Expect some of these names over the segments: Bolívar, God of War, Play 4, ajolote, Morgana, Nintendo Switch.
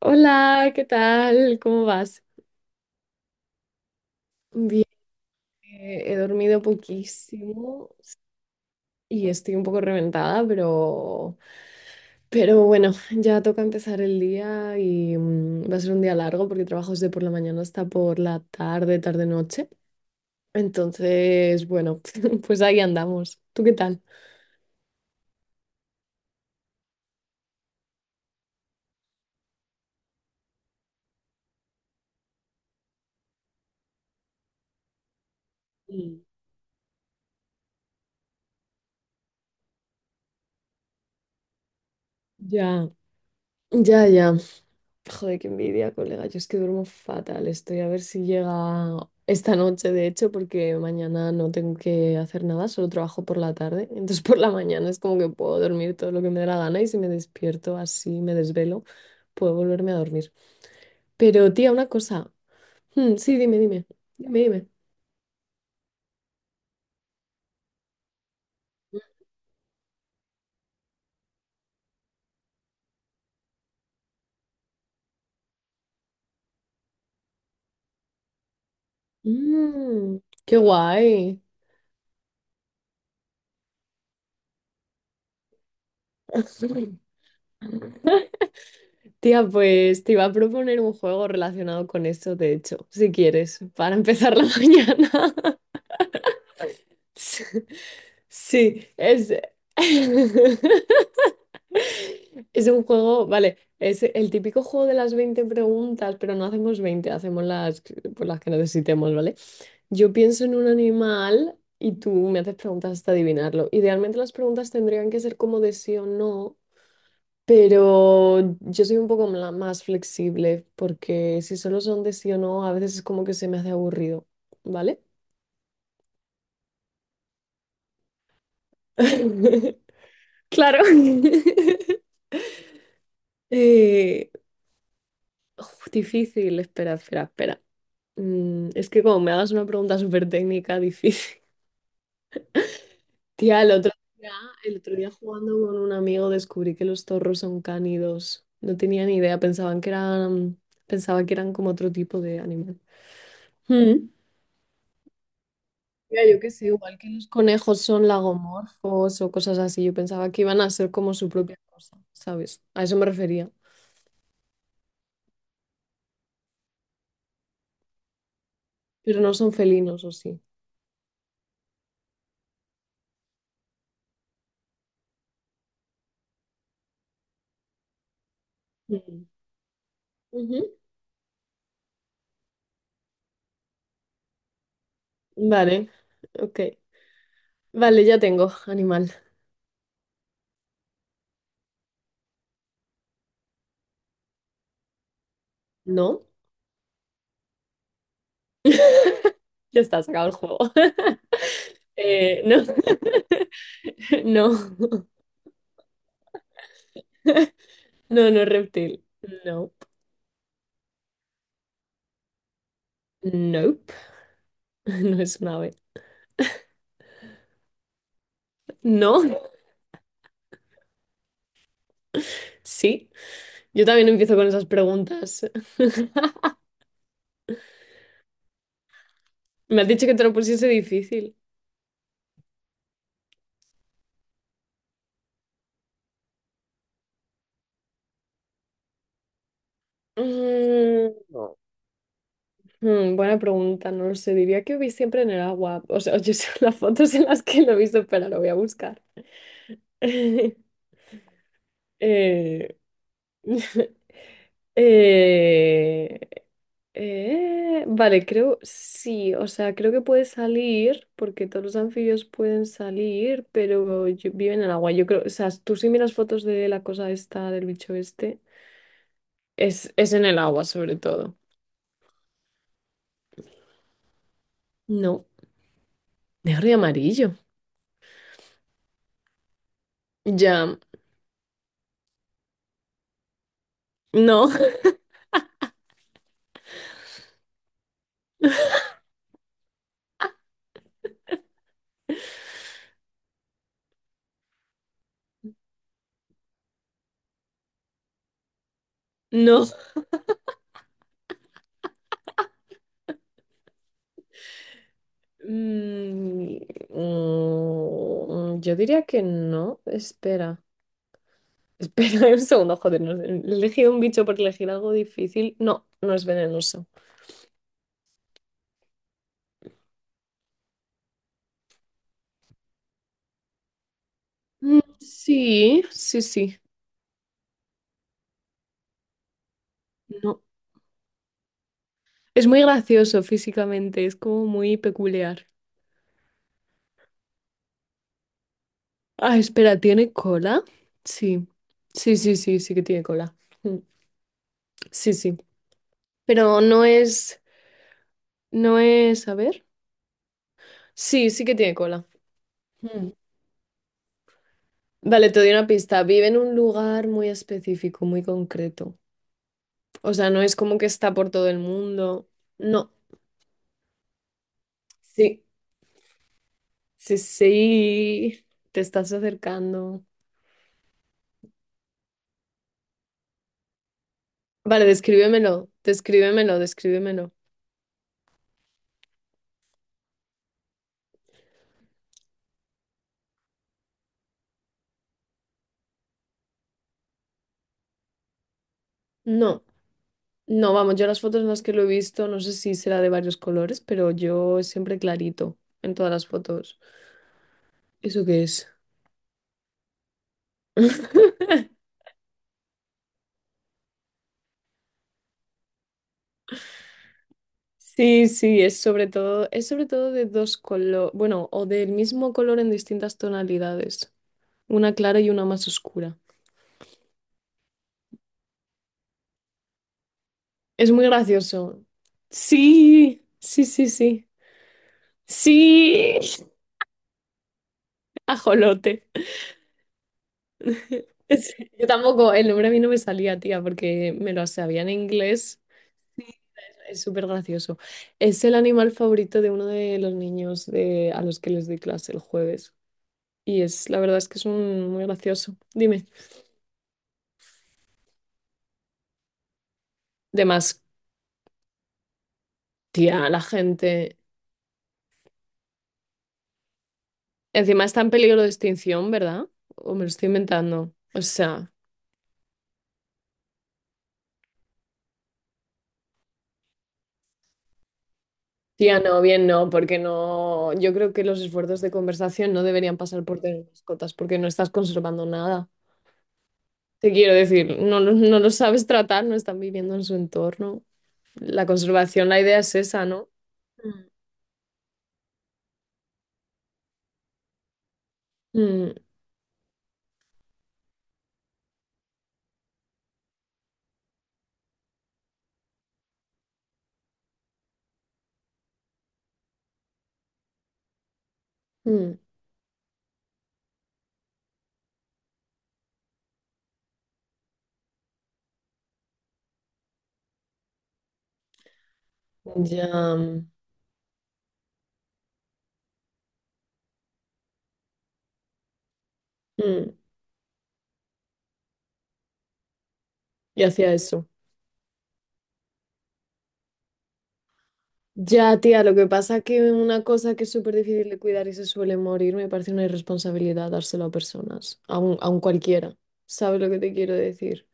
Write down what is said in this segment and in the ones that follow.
Hola, ¿qué tal? ¿Cómo vas? Bien, he dormido poquísimo y estoy un poco reventada, pero bueno, ya toca empezar el día y va a ser un día largo porque trabajo desde por la mañana hasta por la tarde, tarde-noche. Entonces, bueno, pues ahí andamos. ¿Tú qué tal? Sí. Ya, ya, ya. Joder, qué envidia, colega. Yo es que duermo fatal. Estoy a ver si llega esta noche, de hecho, porque mañana no tengo que hacer nada, solo trabajo por la tarde. Entonces por la mañana es como que puedo dormir todo lo que me dé la gana y si me despierto así, me desvelo, puedo volverme a dormir. Pero tía, una cosa. Mm, sí, dime, dime. Dime, dime. Mm, qué guay. Tía, pues te iba a proponer un juego relacionado con eso, de hecho, si quieres, para empezar la mañana. Sí, es... Es un juego, vale, es el típico juego de las 20 preguntas, pero no hacemos 20 hacemos las, pues las que necesitemos, ¿vale? Yo pienso en un animal y tú me haces preguntas hasta adivinarlo. Idealmente las preguntas tendrían que ser como de sí o no, pero yo soy un poco más flexible porque si solo son de sí o no, a veces es como que se me hace aburrido, ¿vale? Claro. Eh, uf, difícil, espera. Mm, es que como me hagas una pregunta súper técnica, difícil. Tía, día, el otro día jugando con un amigo descubrí que los zorros son cánidos. No tenía ni idea, pensaba que eran como otro tipo de animal. Mm. Mira, yo qué sé, igual que los conejos son lagomorfos o cosas así, yo pensaba que iban a ser como su propia cosa, ¿sabes? A eso me refería. Pero no son felinos, ¿o sí? Mm. Ujú. Vale, ok. Vale, ya tengo animal. No, ya está sacado el juego. No, no, no, no es reptil. No, nope, nope. No es un ave. No, sí. Yo también empiezo con esas preguntas. Me has dicho que te lo pusiese difícil. Mm, no. Mm, buena pregunta, no lo sé. Diría que vi siempre en el agua. O sea, yo sé las fotos en las que lo he visto, pero lo voy a buscar. Eh, Eh, vale, creo sí, o sea, creo que puede salir, porque todos los anfibios pueden salir, pero viven en el agua. Yo creo, o sea, tú si miras fotos de la cosa esta, del bicho este, es en el agua sobre todo. No, negro y amarillo. Ya, no, no. Mm, yo diría que no, espera. Espera un segundo, joder, no sé, he elegido un bicho por elegir algo difícil. No, no es venenoso. Mm, sí, sí, sí. No. Es muy gracioso físicamente, es como muy peculiar. Ah, espera, ¿tiene cola? Sí. Sí, sí, sí, sí que tiene cola. Mm, sí, sí. Pero no es, a ver. Sí, sí que tiene cola. Mm. Vale, te doy una pista. Vive en un lugar muy específico, muy concreto. O sea, no es como que está por todo el mundo. No. Sí. Sí, sí, te estás acercando. Vale, descríbemelo, descríbemelo, descríbemelo. No, no, vamos, yo las fotos en las que lo he visto, no sé si será de varios colores, pero yo siempre clarito en todas las fotos. ¿Eso qué es? Sí, sí, es sobre todo de dos colores, bueno, o del mismo color en distintas tonalidades, una clara y una más oscura. Es muy gracioso. Sí, sí, sí, sí. Sí, ajolote. Sí, yo tampoco, el nombre a mí no me salía, tía, porque me lo sabía en inglés. Es súper gracioso. Es el animal favorito de uno de los niños de, a los que les doy clase el jueves. Y es, la verdad es que es un, muy gracioso. Dime. De más tía, la gente. Encima está en peligro de extinción, ¿verdad? O me lo estoy inventando. O sea, tía, no, bien no, porque no. Yo creo que los esfuerzos de conversación no deberían pasar por tener mascotas, porque no estás conservando nada. Te quiero decir, no, no lo sabes tratar, no están viviendo en su entorno. La conservación, la idea es esa, ¿no? Mm. Mm, mm, ya, mm, y hacia eso. Ya, tía, lo que pasa que una cosa que es súper difícil de cuidar y se suele morir, me parece una irresponsabilidad dárselo a personas, a un cualquiera. ¿Sabes lo que te quiero decir?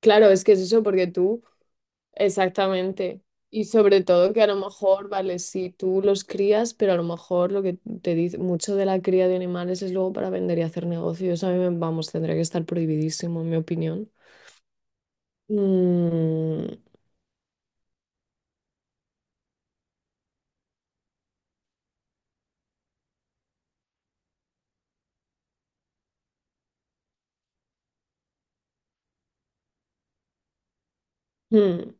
Claro, es que es eso porque tú. Exactamente. Y sobre todo que a lo mejor, vale, si tú los crías, pero a lo mejor lo que te dice mucho de la cría de animales es luego para vender y hacer negocios. A mí, vamos, tendría que estar prohibidísimo, en mi opinión. Mm, mm.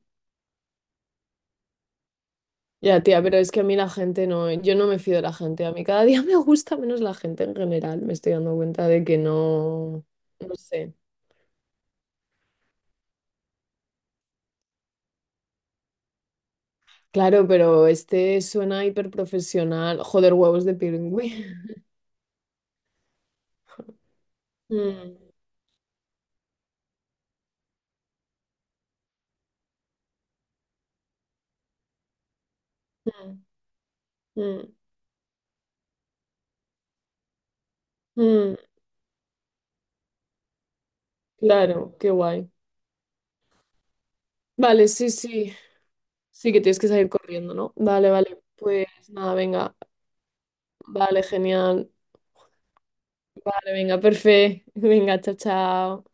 Ya, tía, pero es que a mí la gente no, yo no me fío de la gente. A mí cada día me gusta menos la gente en general. Me estoy dando cuenta de que no, no sé. Claro, pero este suena hiperprofesional. Joder, huevos de pingüino. Mm, mm, mm, mm. Claro, qué guay. Vale, sí, sí. Sí que tienes que salir corriendo, ¿no? Vale, vale. Pues nada, venga. Vale, genial. Vale, venga, perfecto. Venga, chao, chao.